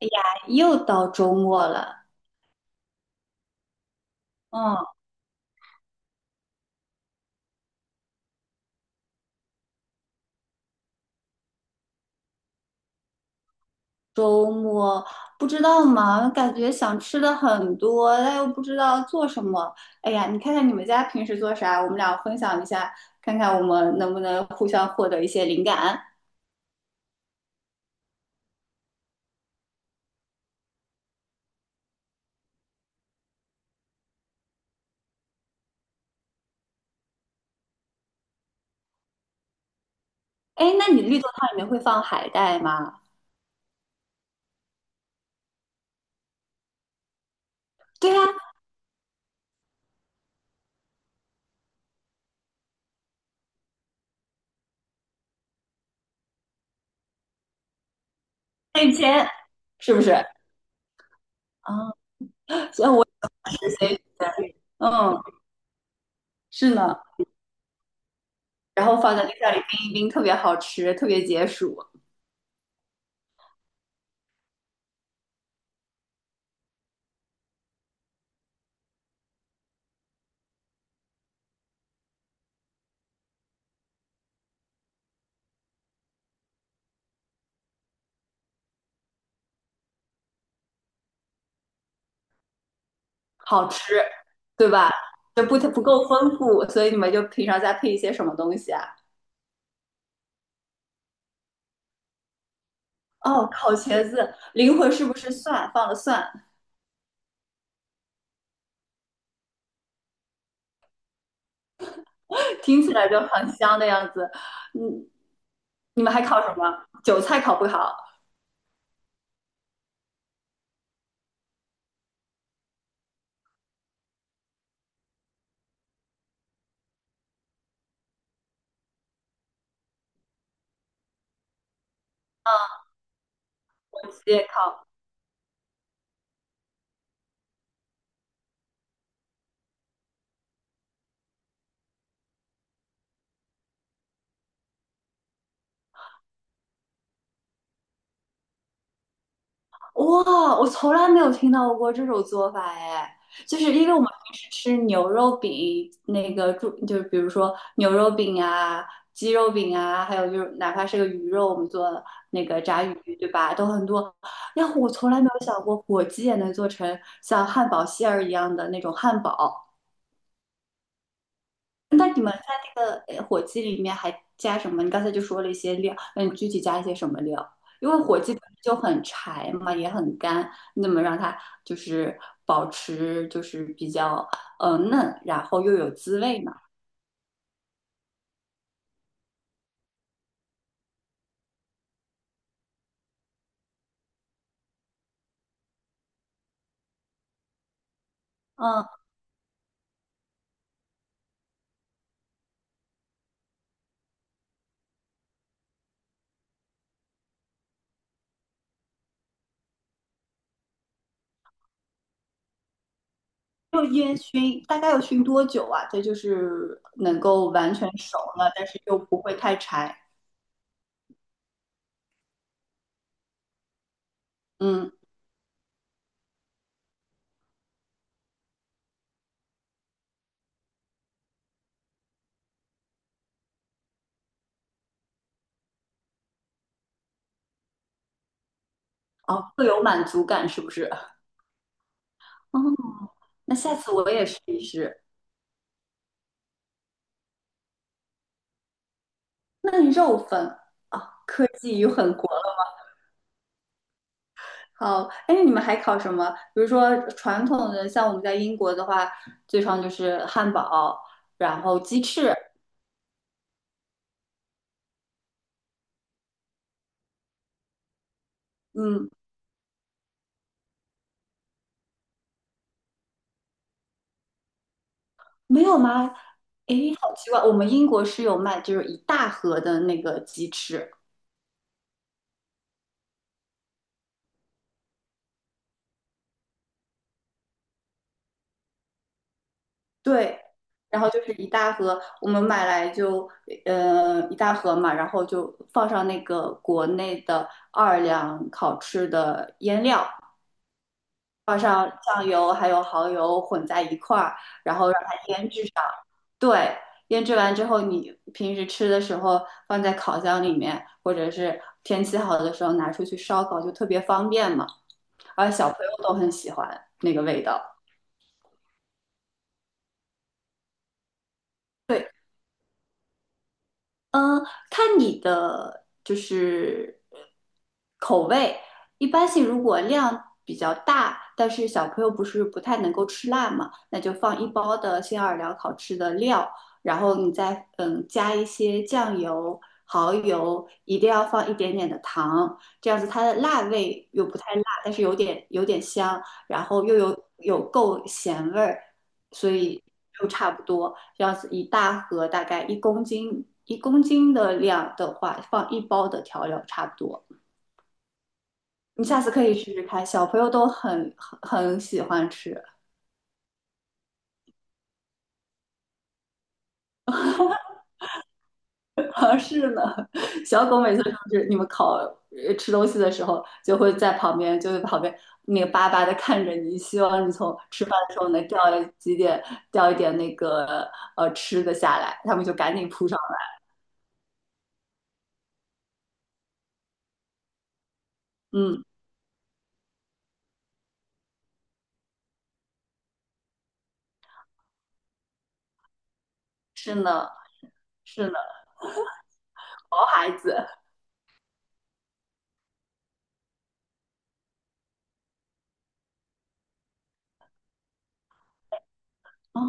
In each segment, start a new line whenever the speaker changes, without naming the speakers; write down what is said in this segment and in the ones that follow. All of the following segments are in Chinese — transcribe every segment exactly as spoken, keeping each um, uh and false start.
哎呀，又到周末了，嗯，周末不知道嘛，感觉想吃的很多，但又不知道做什么。哎呀，你看看你们家平时做啥，我们俩分享一下，看看我们能不能互相获得一些灵感。哎，那你绿豆汤里面会放海带吗？对呀，那以前是不是？啊，所以我只是随缘嗯，是呢，然后放在冰箱里冰一冰，特别好吃，特别解暑。好吃，对吧？就不不够丰富，所以你们就平常再配一些什么东西啊？哦，烤茄子，灵魂是不是蒜放了蒜？听起来就很香的样子。嗯，你们还烤什么？韭菜烤不烤？火鸡也烤。哇，我从来没有听到过这种做法哎，就是因为我们平时吃牛肉饼，那个猪就是比如说牛肉饼啊、鸡肉饼啊，还有就是哪怕是个鱼肉，我们做那个炸鱼，对吧？都很多。然后我从来没有想过火鸡也能做成像汉堡馅儿一样的那种汉堡。那你们在这个呃火鸡里面还加什么？你刚才就说了一些料，那你具体加一些什么料？因为火鸡本身就很柴嘛，也很干，那么让它就是保持就是比较呃嫩，然后又有滋味嘛。嗯，就烟熏，大概要熏多久啊？这就是能够完全熟了，但是又不会太柴。嗯，哦，会有满足感是不是？哦，那下次我也试一试。嫩肉粉啊，科技与狠活好，哎，你们还烤什么？比如说传统的，像我们在英国的话，最常就是汉堡，然后鸡翅，嗯，没有吗？哎，好奇怪，我们英国是有卖，就是一大盒的那个鸡翅，对，然后就是一大盒，我们买来就呃一大盒嘛，然后就放上那个国内的奥尔良烤翅的腌料，放上酱油还有蚝油混在一块儿，然后让它腌制上。对，腌制完之后，你平时吃的时候放在烤箱里面，或者是天气好的时候拿出去烧烤，就特别方便嘛。而小朋友都很喜欢那个味道。对，嗯，看你的就是口味，一般性如果量比较大，但是小朋友不是不太能够吃辣嘛，那就放一包的新奥尔良烤翅的料，然后你再嗯加一些酱油、蚝油，一定要放一点点的糖，这样子它的辣味又不太辣，但是有点有点香，然后又有有够咸味儿，所以就差不多。要是一大盒大概一公斤，一公斤的量的话，放一包的调料差不多。你下次可以试试看，小朋友都很很很喜欢吃。而是呢，小狗每次就是你们烤呃吃东西的时候，就会在旁边，就会旁边那个巴巴的看着你，希望你从吃饭的时候能掉几点掉一点那个呃吃的下来，他们就赶紧扑上来。嗯，是呢，是呢，毛孩子啊。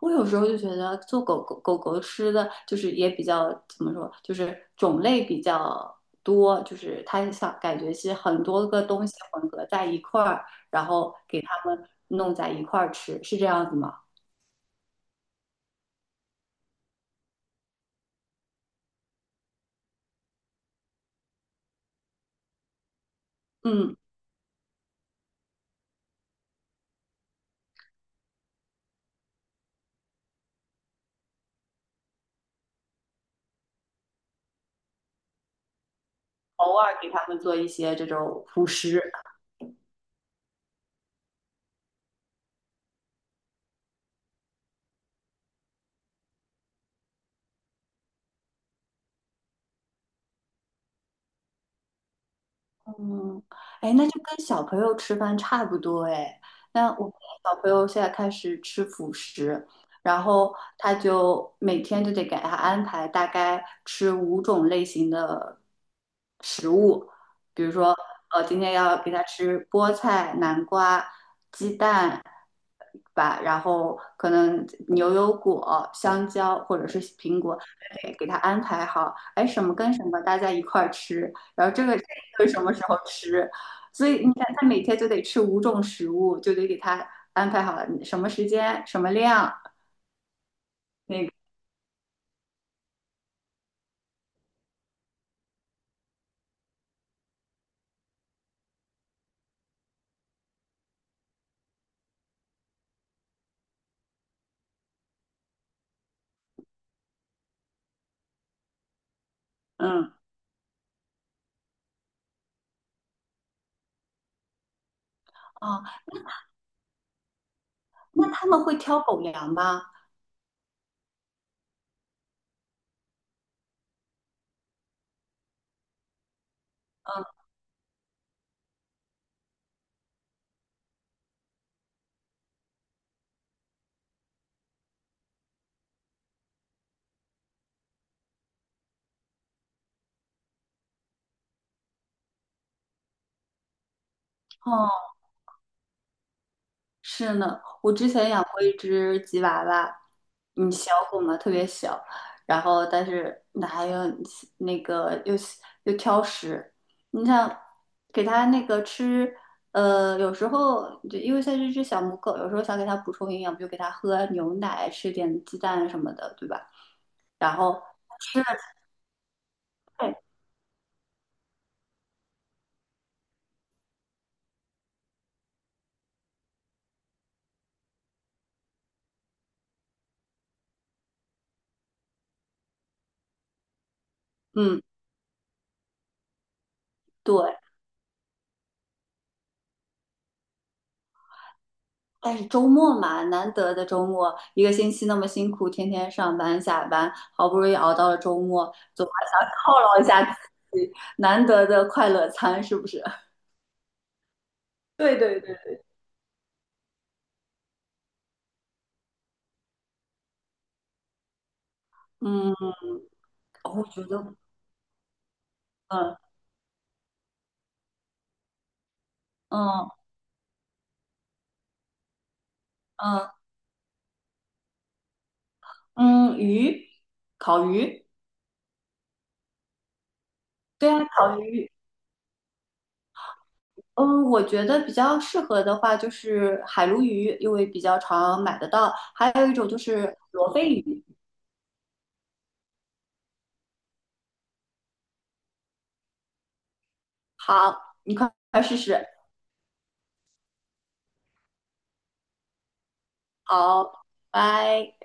我有时候就觉得做狗狗狗狗吃的，就是也比较怎么说，就是种类比较多，就是它想感觉是很多个东西混合在一块儿，然后给它们弄在一块儿吃，是这样子吗？嗯，偶尔给它们做一些这种辅食。嗯，哎，那就跟小朋友吃饭差不多哎。那我们小朋友现在开始吃辅食，然后他就每天就得给他安排大概吃五种类型的食物，比如说，呃，今天要给他吃菠菜、南瓜、鸡蛋吧，然后可能牛油果、香蕉或者是苹果，得给他安排好，哎，什么跟什么大家一块儿吃。然后这个这个什么时候吃？所以你看，他每天就得吃五种食物，就得给他安排好了什么时间、什么量。那个，嗯，哦，那他们会挑狗粮吗？哦，是呢，我之前养过一只吉娃娃，嗯，小狗嘛，特别小，然后但是那还有那个又又挑食，你想给它那个吃，呃，有时候就因为它是只小母狗，有时候想给它补充营养，比如给它喝牛奶，吃点鸡蛋什么的，对吧？然后吃了菜，嗯，对，但是周末嘛，难得的周末，一个星期那么辛苦，天天上班下班，好不容易熬到了周末，总还想犒劳一下自己，难得的快乐餐是不是？对对对，嗯，我觉得，嗯嗯嗯嗯，鱼，烤鱼，对啊，烤鱼。嗯，我觉得比较适合的话就是海鲈鱼，因为比较常买得到，还有一种就是罗非鱼。好，你快快试试。好，拜。